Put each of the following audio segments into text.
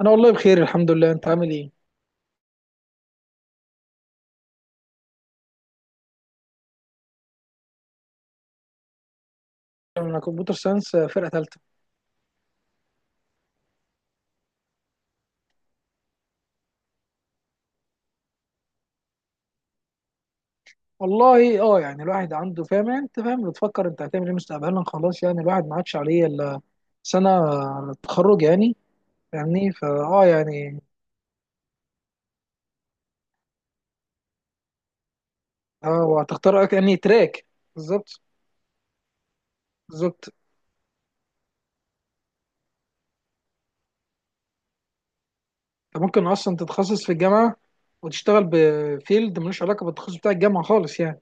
انا والله بخير، الحمد لله. انت عامل ايه؟ انا كمبيوتر ساينس، فرقه ثالثه. والله، يعني الواحد عنده فاهم، يعني انت فاهم بتفكر انت هتعمل ايه مستقبلا. خلاص يعني الواحد ما عادش عليه الا سنه التخرج يعني. فاهمني. فا اه يعني اه وهتختار يعني تراك. بالظبط. بالظبط، انت ممكن اصلا تتخصص في الجامعه وتشتغل بفيلد ملوش علاقه بالتخصص بتاع الجامعه خالص يعني.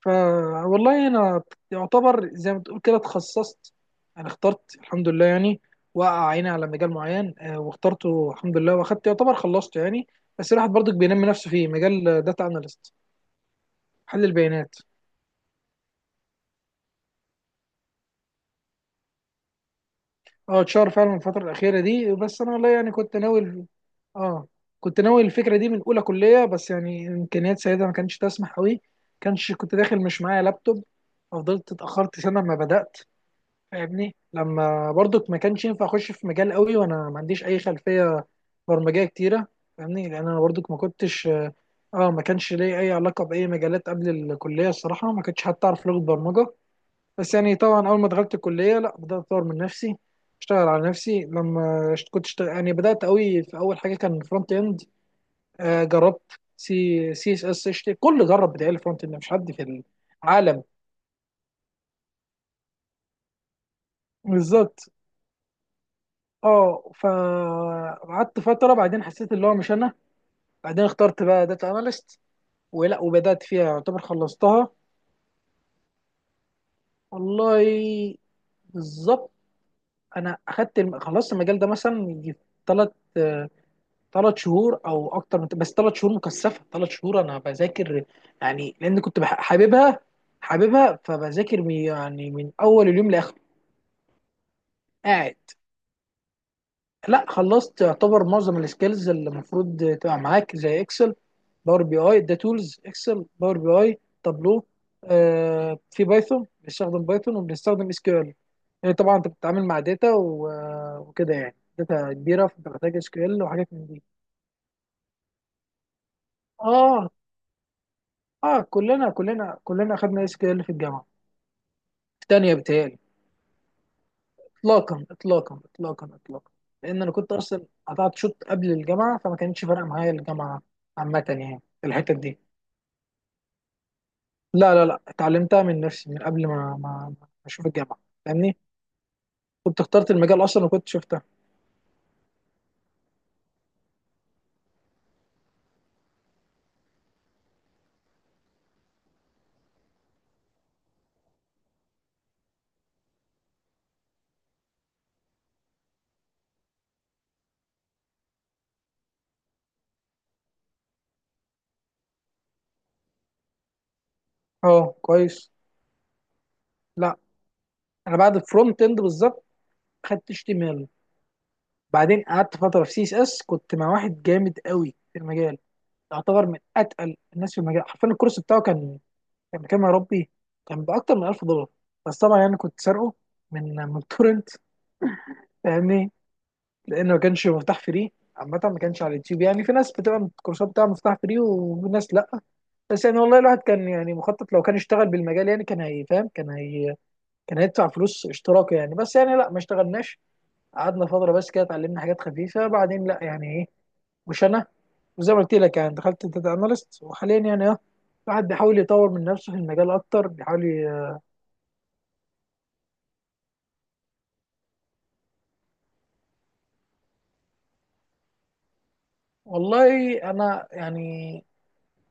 فوالله انا يعتبر زي ما تقول كده اتخصصت. انا اخترت، الحمد لله. يعني وقع عيني على مجال معين، واخترته الحمد لله، واخدت يعتبر خلصته يعني. بس الواحد برضك بينمي نفسه فيه. مجال داتا اناليست، حل البيانات. اه، اتشهر فعلا الفترة الأخيرة دي. بس أنا والله يعني كنت ناوي. اه، كنت ناوي الفكرة دي من أولى كلية، بس يعني إمكانيات سيدة ما كانتش تسمح أوي. كنت داخل، مش معايا لابتوب. ففضلت اتأخرت سنة ما بدأت. فاهمني، لما برضك ما كانش ينفع اخش في مجال قوي وانا ما عنديش اي خلفيه برمجيه كتيره. فاهمني، لان انا برضك ما كنتش اه ما كانش ليا اي علاقه باي مجالات قبل الكليه الصراحه. ما كنتش حتى اعرف لغه برمجه. بس يعني طبعا اول ما دخلت الكليه لا، بدات اطور من نفسي، اشتغل على نفسي. لما كنت اشتغل، يعني بدات قوي. في اول حاجه كان فرونت اند. جربت سي سي اس اس اتش تي كل، جرب بتاعي الفرونت اند، مش حد في العالم. بالظبط. اه فقعدت فتره، بعدين حسيت اللي هو مش انا. بعدين اخترت بقى داتا اناليست. ولا وبدات فيها يعتبر خلصتها. والله، بالظبط. انا اخدت خلصت المجال ده مثلا يجي ثلاث ثلاث شهور او اكتر، بس ثلاث شهور مكثفه، ثلاث شهور انا بذاكر، يعني لان كنت حاببها. حاببها، فبذاكر يعني من اول اليوم لاخره. قاعد. لا، خلصت يعتبر معظم السكيلز اللي المفروض تبقى معاك، زي اكسل، باور بي اي. ده تولز، اكسل، باور بي اي، تابلو. في بايثون، بنستخدم بايثون، وبنستخدم SQL. طبعا انت بتتعامل مع داتا وكده، يعني داتا كبيره، فانت محتاج SQL وحاجات من دي. اه، اه. كلنا كلنا كلنا اخدنا SQL في الجامعه. في تانية، بتهيألي. اطلاقا اطلاقا اطلاقا اطلاقا. لان انا كنت اصلا قطعت شوط قبل الجامعه، فما كانتش فارقه معايا الجامعه عامه يعني في الحتت دي. لا لا لا، اتعلمتها من نفسي من قبل ما اشوف الجامعه. فاهمني، كنت اخترت المجال اصلا وكنت شفتها. اه، كويس. لا. انا بعد الفرونت اند بالظبط خدت HTML، بعدين قعدت فتره في سي اس اس. كنت مع واحد جامد قوي في المجال، يعتبر من اتقل الناس في المجال حرفيا. الكورس بتاعه كان، كان بكام يا ربي، كان باكتر من $1000. بس طبعا يعني كنت سارقه من تورنت. فاهمني، لانه ما كانش مفتاح فري عامة، ما كانش على اليوتيوب. يعني في ناس بتبقى الكورسات بتاعها مفتاح فري وناس لا. بس يعني والله الواحد كان يعني مخطط، لو كان اشتغل بالمجال يعني كان هي فاهم كان هي كان هيدفع فلوس اشتراك يعني. بس يعني لا، ما اشتغلناش. قعدنا فتره بس كده، اتعلمنا حاجات خفيفه. بعدين لا يعني ايه، مش انا. وزي ما قلت لك يعني دخلت داتا اناليست، وحاليا يعني الواحد بيحاول يطور من نفسه في المجال اكتر، بيحاول والله انا يعني.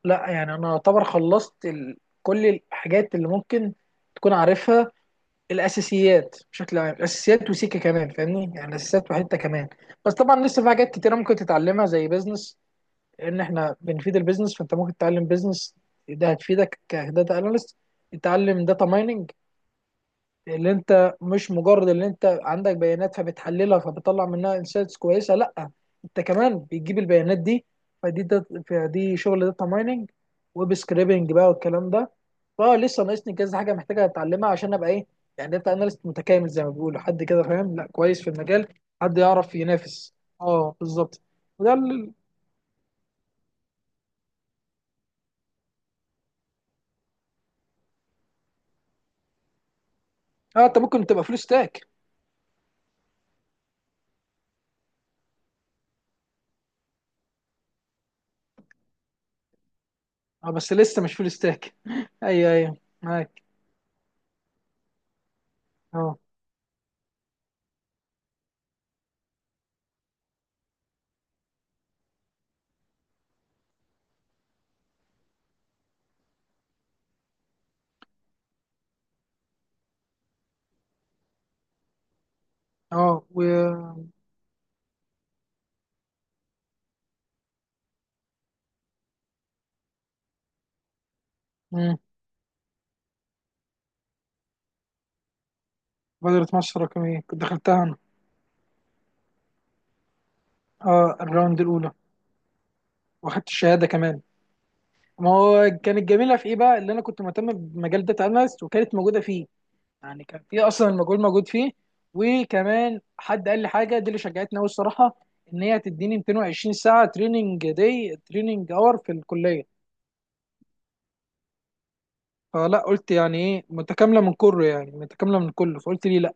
لا يعني انا اعتبر خلصت كل الحاجات اللي ممكن تكون عارفها، الاساسيات بشكل عام. الاساسيات وسيكه كمان، فاهمني يعني الاساسيات وحته كمان. بس طبعا لسه في حاجات كتيره ممكن تتعلمها، زي بيزنس. لان احنا بنفيد البيزنس، فانت ممكن تتعلم بيزنس، ده هتفيدك كداتا اناليست. تتعلم داتا مايننج. اللي انت مش مجرد اللي انت عندك بيانات فبتحللها فبتطلع منها انسايتس كويسه، لا انت كمان بتجيب البيانات دي. فدي شغل داتا مايننج، ويب سكريبنج بقى والكلام ده. فاه لسه ناقصني كذا حاجه محتاجه اتعلمها عشان ابقى ايه، يعني داتا اناليست متكامل زي ما بيقولوا. حد كده فاهم، لا، كويس في المجال، حد يعرف ينافس. اه، بالظبط. وده اه، انت ممكن تبقى فول ستاك. اه، بس لسه مش فول ستاك ايوه ايوه، معاك. اه اه. مم. مبادرة مصر الرقمية كنت دخلتها انا. اه، الراوند الاولى. واخدت الشهادة كمان. ما هو كانت جميلة في ايه بقى؟ اللي انا كنت مهتم بمجال داتا اناليست وكانت موجودة فيه، يعني كان في اصلا المجال موجود فيه. وكمان حد قال لي حاجة دي اللي شجعتني قوي الصراحة، ان هي تديني 220 ساعة تريننج داي، تريننج اور في الكلية. فلا قلت يعني ايه، متكاملة من كله، يعني متكاملة من كله، فقلت ليه لا.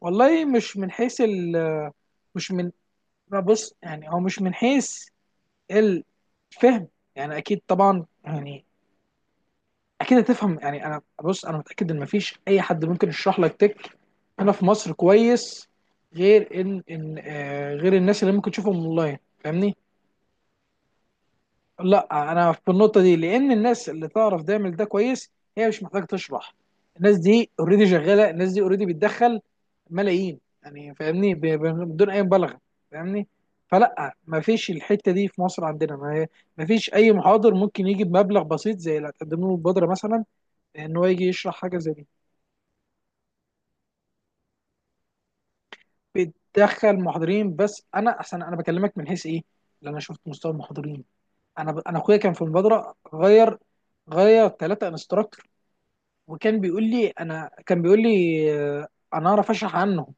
والله مش من حيث ال مش من لا، بص، يعني هو مش من حيث الفهم. يعني اكيد، طبعا يعني اكيد هتفهم. يعني انا، بص، انا متاكد ان مفيش اي حد ممكن يشرح لك هنا في مصر كويس، غير ان ان آه، غير الناس اللي ممكن تشوفهم اونلاين. فاهمني، لا انا في النقطه دي، لان الناس اللي تعرف تعمل ده كويس هي مش محتاجه تشرح. الناس دي اوريدي شغاله، الناس دي اوريدي بتدخل ملايين يعني. فاهمني، بدون اي مبالغه. فاهمني، فلا ما فيش الحته دي في مصر عندنا. ما فيش اي محاضر ممكن يجي بمبلغ بسيط زي اللي هتقدم له البودره مثلا، ان هو يجي يشرح حاجه زي دي. بتدخل محاضرين، بس انا احسن، انا بكلمك من حيث ايه اللي انا شفت مستوى المحاضرين. انا اخويا كان في المبادره غير ثلاثه انستراكتور، وكان بيقول لي. انا كان بيقول لي آه، انا اعرف اشرح عنهم.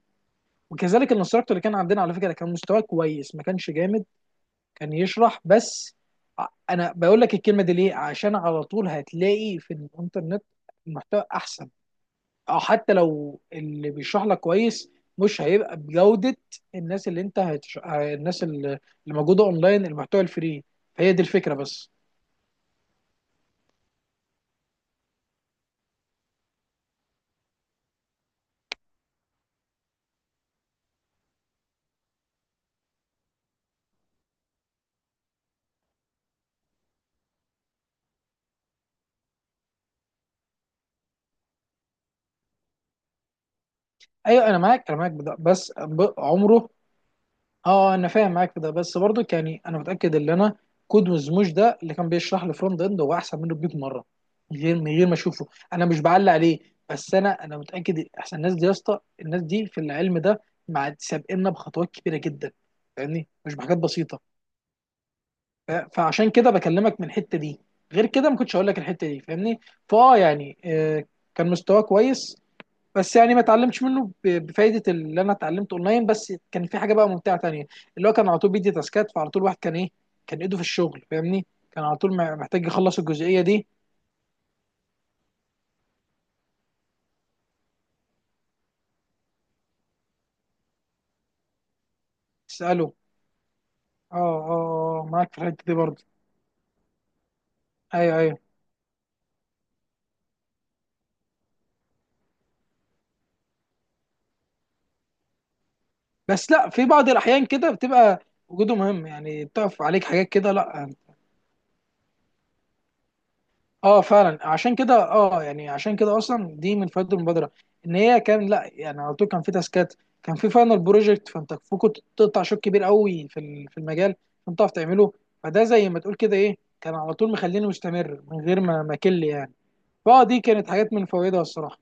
وكذلك الانستراكتور اللي كان عندنا، على فكره، كان مستواه كويس. ما كانش جامد، كان يشرح بس. انا بقول لك الكلمه دي ليه، عشان على طول هتلاقي في الانترنت المحتوى احسن، او حتى لو اللي بيشرح لك كويس مش هيبقى بجوده الناس اللي انت هتش... ه- الناس اللي موجوده اونلاين، المحتوى الفري. هي دي الفكره بس. ايوه، انا معاك، بده. بس عمره. اه، انا فاهم معاك في ده، بس برضك يعني انا متاكد ان انا كود وزموش ده، اللي كان بيشرح لي فرونت اند، هو احسن منه ب 100 مره، من غير ما اشوفه. انا مش بعلق عليه، بس انا متاكد. احسن الناس دي يا اسطى، الناس دي في العلم ده مع سابقنا بخطوات كبيره جدا. فاهمني، مش بحاجات بسيطه. فعشان كده بكلمك من الحته دي، غير كده ما كنتش هقول لك الحته دي، فاهمني. فاه يعني، كان مستواه كويس. بس يعني ما اتعلمتش منه بفايده اللي انا اتعلمته اونلاين، بس كان في حاجه بقى ممتعه تانية، اللي هو كان على طول بيدي تاسكات. فعلى طول الواحد كان ايه، كان ايده في الشغل فاهمني. كان على طول محتاج يخلص الجزئيه دي. تساله. اه اه. آه، معاك في الحته دي برضه. ايوه ايوه. بس لا، في بعض الاحيان كده بتبقى وجوده مهم يعني، بتقف عليك حاجات كده لا. اه، فعلا. عشان كده اصلا دي من فوائد المبادره، ان هي كان لا يعني على طول كان في تاسكات، كان في فاينل بروجكت. فانت كنت تقطع شوط كبير قوي في المجال، فانت تعرف تعمله. فده زي ما تقول كده ايه، كان على طول مخليني مستمر من غير ما كل يعني. فاه دي كانت حاجات من فوائدها الصراحه.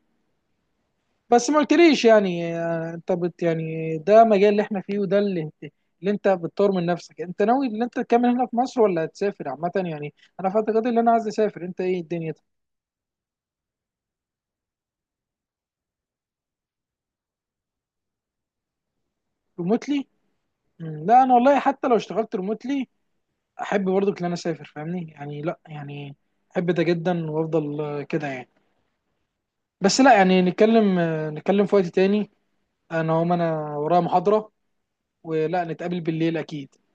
بس ما قلتليش يعني، انت يعني ده مجال اللي احنا فيه، وده اللي انت بتطور من نفسك. انت ناوي ان انت تكمل هنا في مصر ولا هتسافر عامه يعني؟ انا في اعتقادي ان انا عايز اسافر. انت ايه الدنيا؟ ريموتلي؟ لا انا والله حتى لو اشتغلت ريموتلي احب برضو ان انا اسافر، فاهمني يعني، لا يعني احب ده جدا. وافضل كده يعني. بس لا يعني، نتكلم في وقت تاني. انا ورايا محاضرة، ولا نتقابل بالليل؟ اكيد.